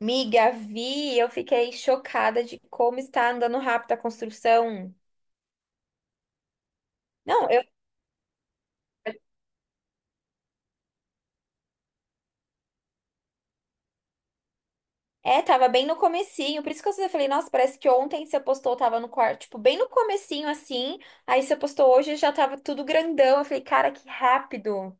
Miga, vi, eu fiquei chocada de como está andando rápido a construção. Não, eu tava bem no comecinho, por isso que eu falei, nossa, parece que ontem você postou, tava no quarto, tipo, bem no comecinho assim, aí você postou hoje já tava tudo grandão. Eu falei, cara, que rápido.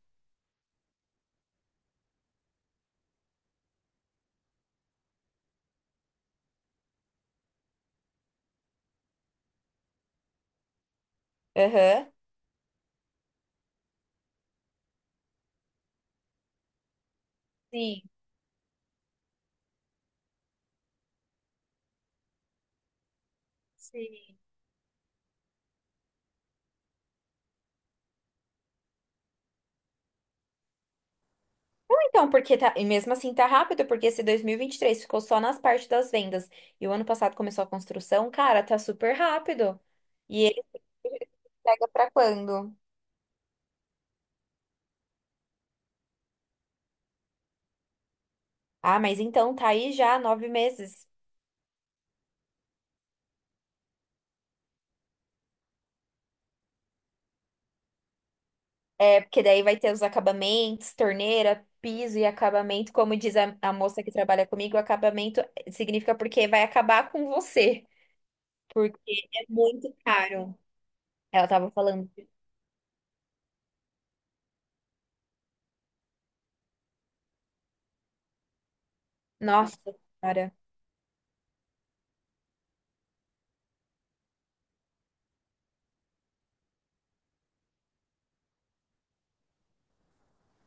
Aham. Sim. Sim. Então, porque tá, e mesmo assim tá rápido, porque esse 2023 ficou só nas partes das vendas e o ano passado começou a construção, cara, tá super rápido. E ele pega pra quando? Ah, mas então tá aí já 9 meses. É, porque daí vai ter os acabamentos, torneira, piso e acabamento. Como diz a moça que trabalha comigo, acabamento significa porque vai acabar com você. Porque é muito caro. Ela tava falando. Nossa, cara.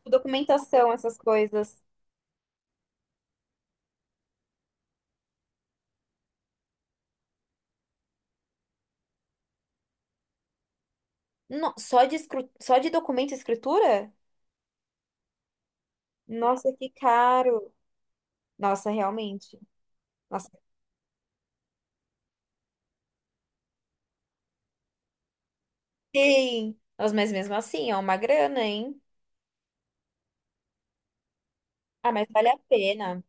Documentação, essas coisas. Só de documento e escritura? Nossa, que caro. Nossa, realmente. Nossa, sim. Nossa, mas mesmo assim, é uma grana, hein? Ah, mas vale a pena.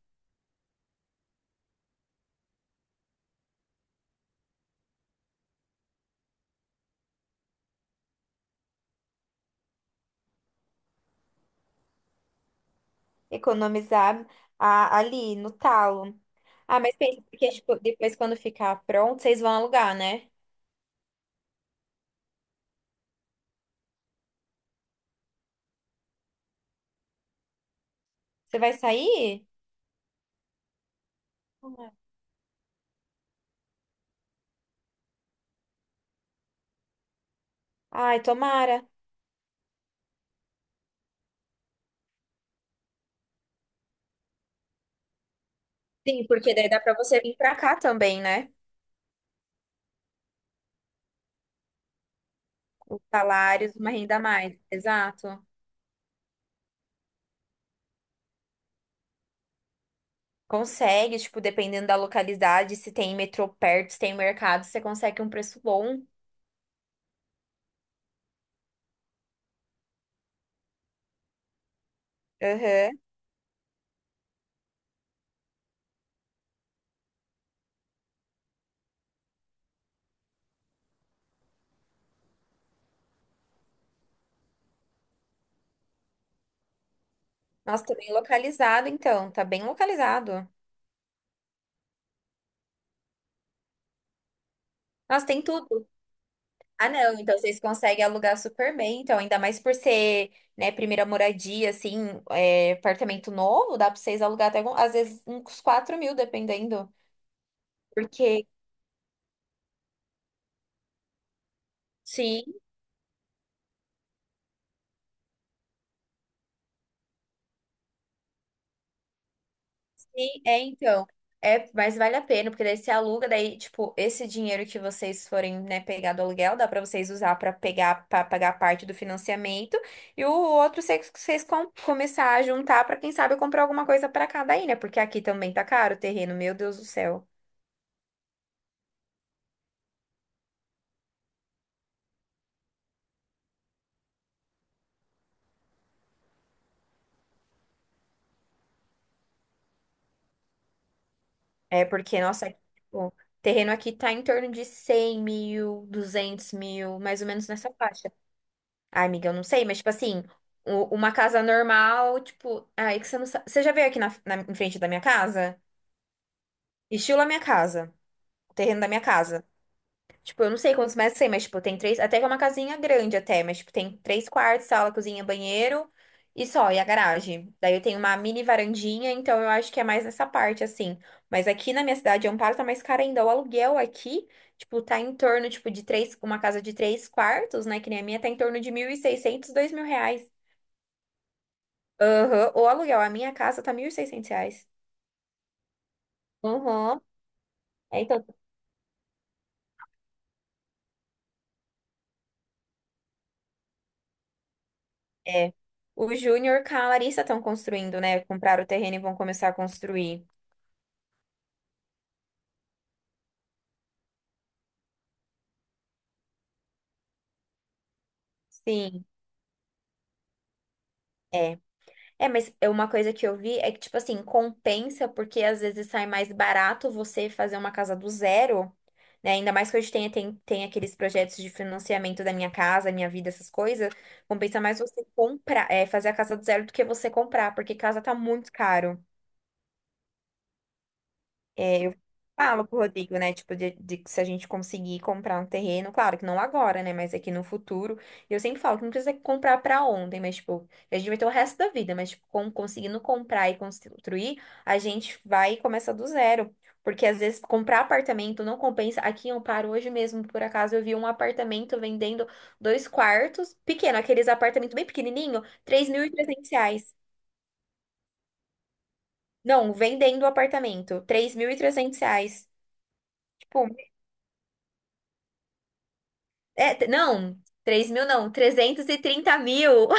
Economizar ali no talo. Ah, mas pensa, porque tipo, depois quando ficar pronto, vocês vão alugar, né? Você vai sair? Tomara. Ai, tomara. Sim, porque daí dá pra você vir pra cá também, né? Os salários, uma renda a mais. Exato. Consegue, tipo, dependendo da localidade, se tem metrô perto, se tem mercado, você consegue um preço bom. Aham. Nossa, tá bem localizado, então. Tá bem localizado. Nossa, tem tudo. Ah, não, então vocês conseguem alugar super bem, então ainda mais por ser, né, primeira moradia, assim, é, apartamento novo, dá pra vocês alugar até, às vezes, uns 4.000, dependendo, porque, sim, sim, é, então, é, mas vale a pena, porque daí você aluga, daí, tipo, esse dinheiro que vocês forem, né, pegar do aluguel, dá pra vocês usar pra pegar, para pagar parte do financiamento, e o outro vocês, começar a juntar pra, quem sabe, comprar alguma coisa pra cada aí, né, porque aqui também tá caro o terreno, meu Deus do céu. É porque, nossa, o terreno aqui tá em torno de 100 mil, 200 mil, mais ou menos nessa faixa. Ai, amiga, eu não sei, mas, tipo assim, uma casa normal, tipo. Ai, que você não sabe. Você já veio aqui em frente da minha casa? Estilo a minha casa, o terreno da minha casa. Tipo, eu não sei quantos mais tem, mas, tipo, tem três. Até que é uma casinha grande, até, mas, tipo, tem três quartos, sala, cozinha, banheiro e só, e a garagem. Daí eu tenho uma mini varandinha, então eu acho que é mais nessa parte, assim. Mas aqui na minha cidade, Amparo tá mais caro ainda. O aluguel aqui, tipo, tá em torno, tipo, de três. Uma casa de três quartos, né, que nem a minha, tá em torno de 1.600, R$ 2.000. Aham. O aluguel, a minha casa tá R$ 1.600. Aham. É, então, é. O Júnior com a Larissa estão construindo, né? Compraram o terreno e vão começar a construir. Sim, é. É, mas é uma coisa que eu vi é que, tipo assim, compensa porque às vezes sai mais barato você fazer uma casa do zero, né? Ainda mais que hoje tem aqueles projetos de financiamento da minha casa, minha vida, essas coisas. Compensa mais você comprar, é, fazer a casa do zero do que você comprar, porque casa tá muito caro. É, eu falo pro Rodrigo, né? Tipo, de que se a gente conseguir comprar um terreno, claro que não agora, né? Mas aqui no futuro. E eu sempre falo que não precisa comprar pra ontem, mas, tipo, a gente vai ter o resto da vida, mas, tipo, conseguindo comprar e construir, a gente vai e começa do zero. Porque às vezes comprar apartamento não compensa. Aqui em Amparo, hoje mesmo, por acaso, eu vi um apartamento vendendo dois quartos, pequeno, aqueles apartamentos bem pequenininho, R$ 3.300. Não, vendendo o apartamento, R$ 3.300. Tipo, é, não, 3.000 não, 330.000.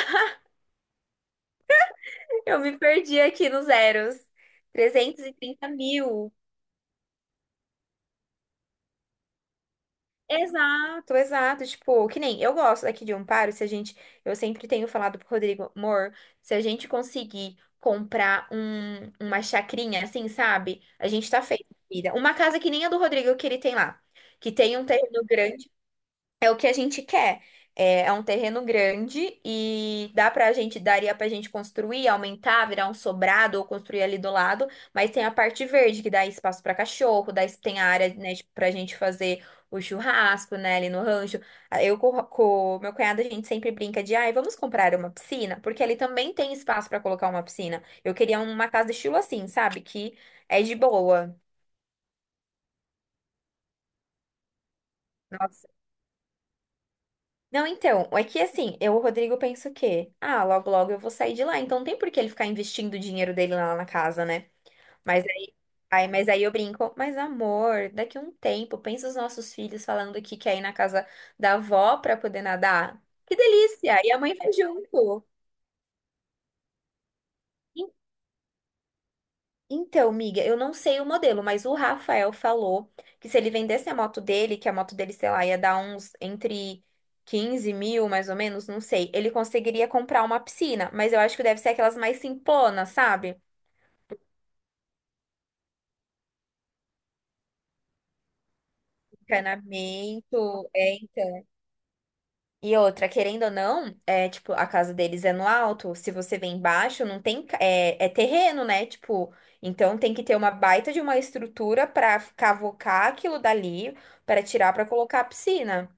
Eu me perdi aqui nos zeros. 330.000. Exato, exato. Tipo, que nem eu gosto daqui de Amparo, se a gente. Eu sempre tenho falado pro Rodrigo, amor, se a gente conseguir comprar uma chacrinha assim, sabe? A gente tá feito, vida. Uma casa que nem a do Rodrigo que ele tem lá. Que tem um terreno grande. É o que a gente quer. É, é um terreno grande e dá pra gente, daria pra gente construir, aumentar, virar um sobrado ou construir ali do lado, mas tem a parte verde que dá espaço para cachorro, dá, tem a área, né, pra gente fazer o churrasco, né, ali no rancho. Ah, eu com meu cunhado a gente sempre brinca de, ai, vamos comprar uma piscina, porque ali também tem espaço para colocar uma piscina. Eu queria uma casa estilo assim, sabe? Que é de boa. Não, então, é que assim, eu, o Rodrigo, penso que, ah, logo, logo eu vou sair de lá, então não tem por que ele ficar investindo o dinheiro dele lá na casa, né? Mas aí, mas aí eu brinco, mas amor, daqui a um tempo, pensa os nossos filhos falando que quer ir na casa da avó pra poder nadar. Que delícia! E a mãe vai junto. Então, miga, eu não sei o modelo, mas o Rafael falou que se ele vendesse a moto dele, que a moto dele, sei lá, ia dar uns entre 15 mil, mais ou menos, não sei, ele conseguiria comprar uma piscina, mas eu acho que deve ser aquelas mais simplonas, sabe? Encanamento, é, então. E outra, querendo ou não, é, tipo, a casa deles é no alto, se você vem embaixo, não tem, é terreno, né? Tipo, então tem que ter uma baita de uma estrutura pra cavocar aquilo dali, pra tirar, pra colocar a piscina.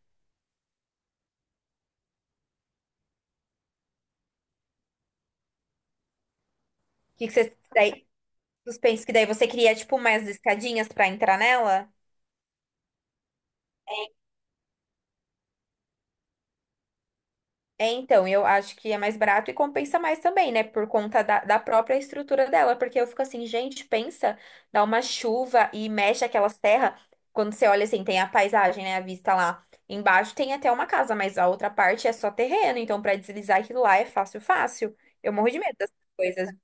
Que você daí, suspense, que daí você cria, tipo, mais escadinhas pra entrar nela? É, então, eu acho que é mais barato e compensa mais também, né? Por conta da própria estrutura dela. Porque eu fico assim, gente, pensa, dá uma chuva e mexe aquelas terras. Quando você olha assim, tem a paisagem, né? A vista lá embaixo tem até uma casa, mas a outra parte é só terreno. Então, pra deslizar aquilo lá é fácil, fácil. Eu morro de medo dessas coisas.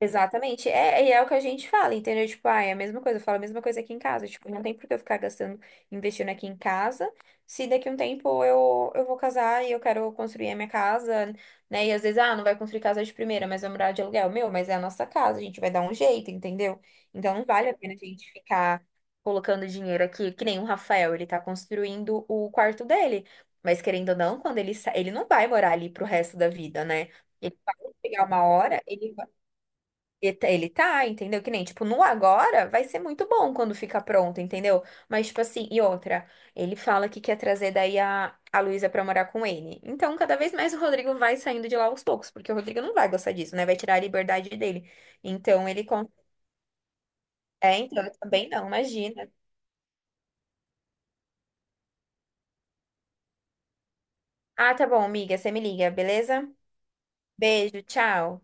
Exatamente. É, e é o que a gente fala, entendeu? Tipo, ah, é a mesma coisa, eu falo a mesma coisa aqui em casa. Tipo, não tem por que eu ficar gastando, investindo aqui em casa, se daqui a um tempo eu vou casar e eu quero construir a minha casa, né? E às vezes, ah, não vai construir casa de primeira, mas vai morar de aluguel. Meu, mas é a nossa casa, a gente vai dar um jeito, entendeu? Então não vale a pena a gente ficar colocando dinheiro aqui, que nem o Rafael, ele tá construindo o quarto dele. Mas querendo ou não, quando ele ele não vai morar ali pro resto da vida, né? Ele vai chegar uma hora, ele tá, entendeu? Que nem, tipo, no agora vai ser muito bom quando ficar pronto, entendeu? Mas, tipo assim, e outra, ele fala que quer trazer daí a Luísa pra morar com ele. Então, cada vez mais o Rodrigo vai saindo de lá aos poucos, porque o Rodrigo não vai gostar disso, né? Vai tirar a liberdade dele. Então, ele. É, então, eu também não, imagina. Ah, tá bom, amiga, você me liga, beleza? Beijo, tchau.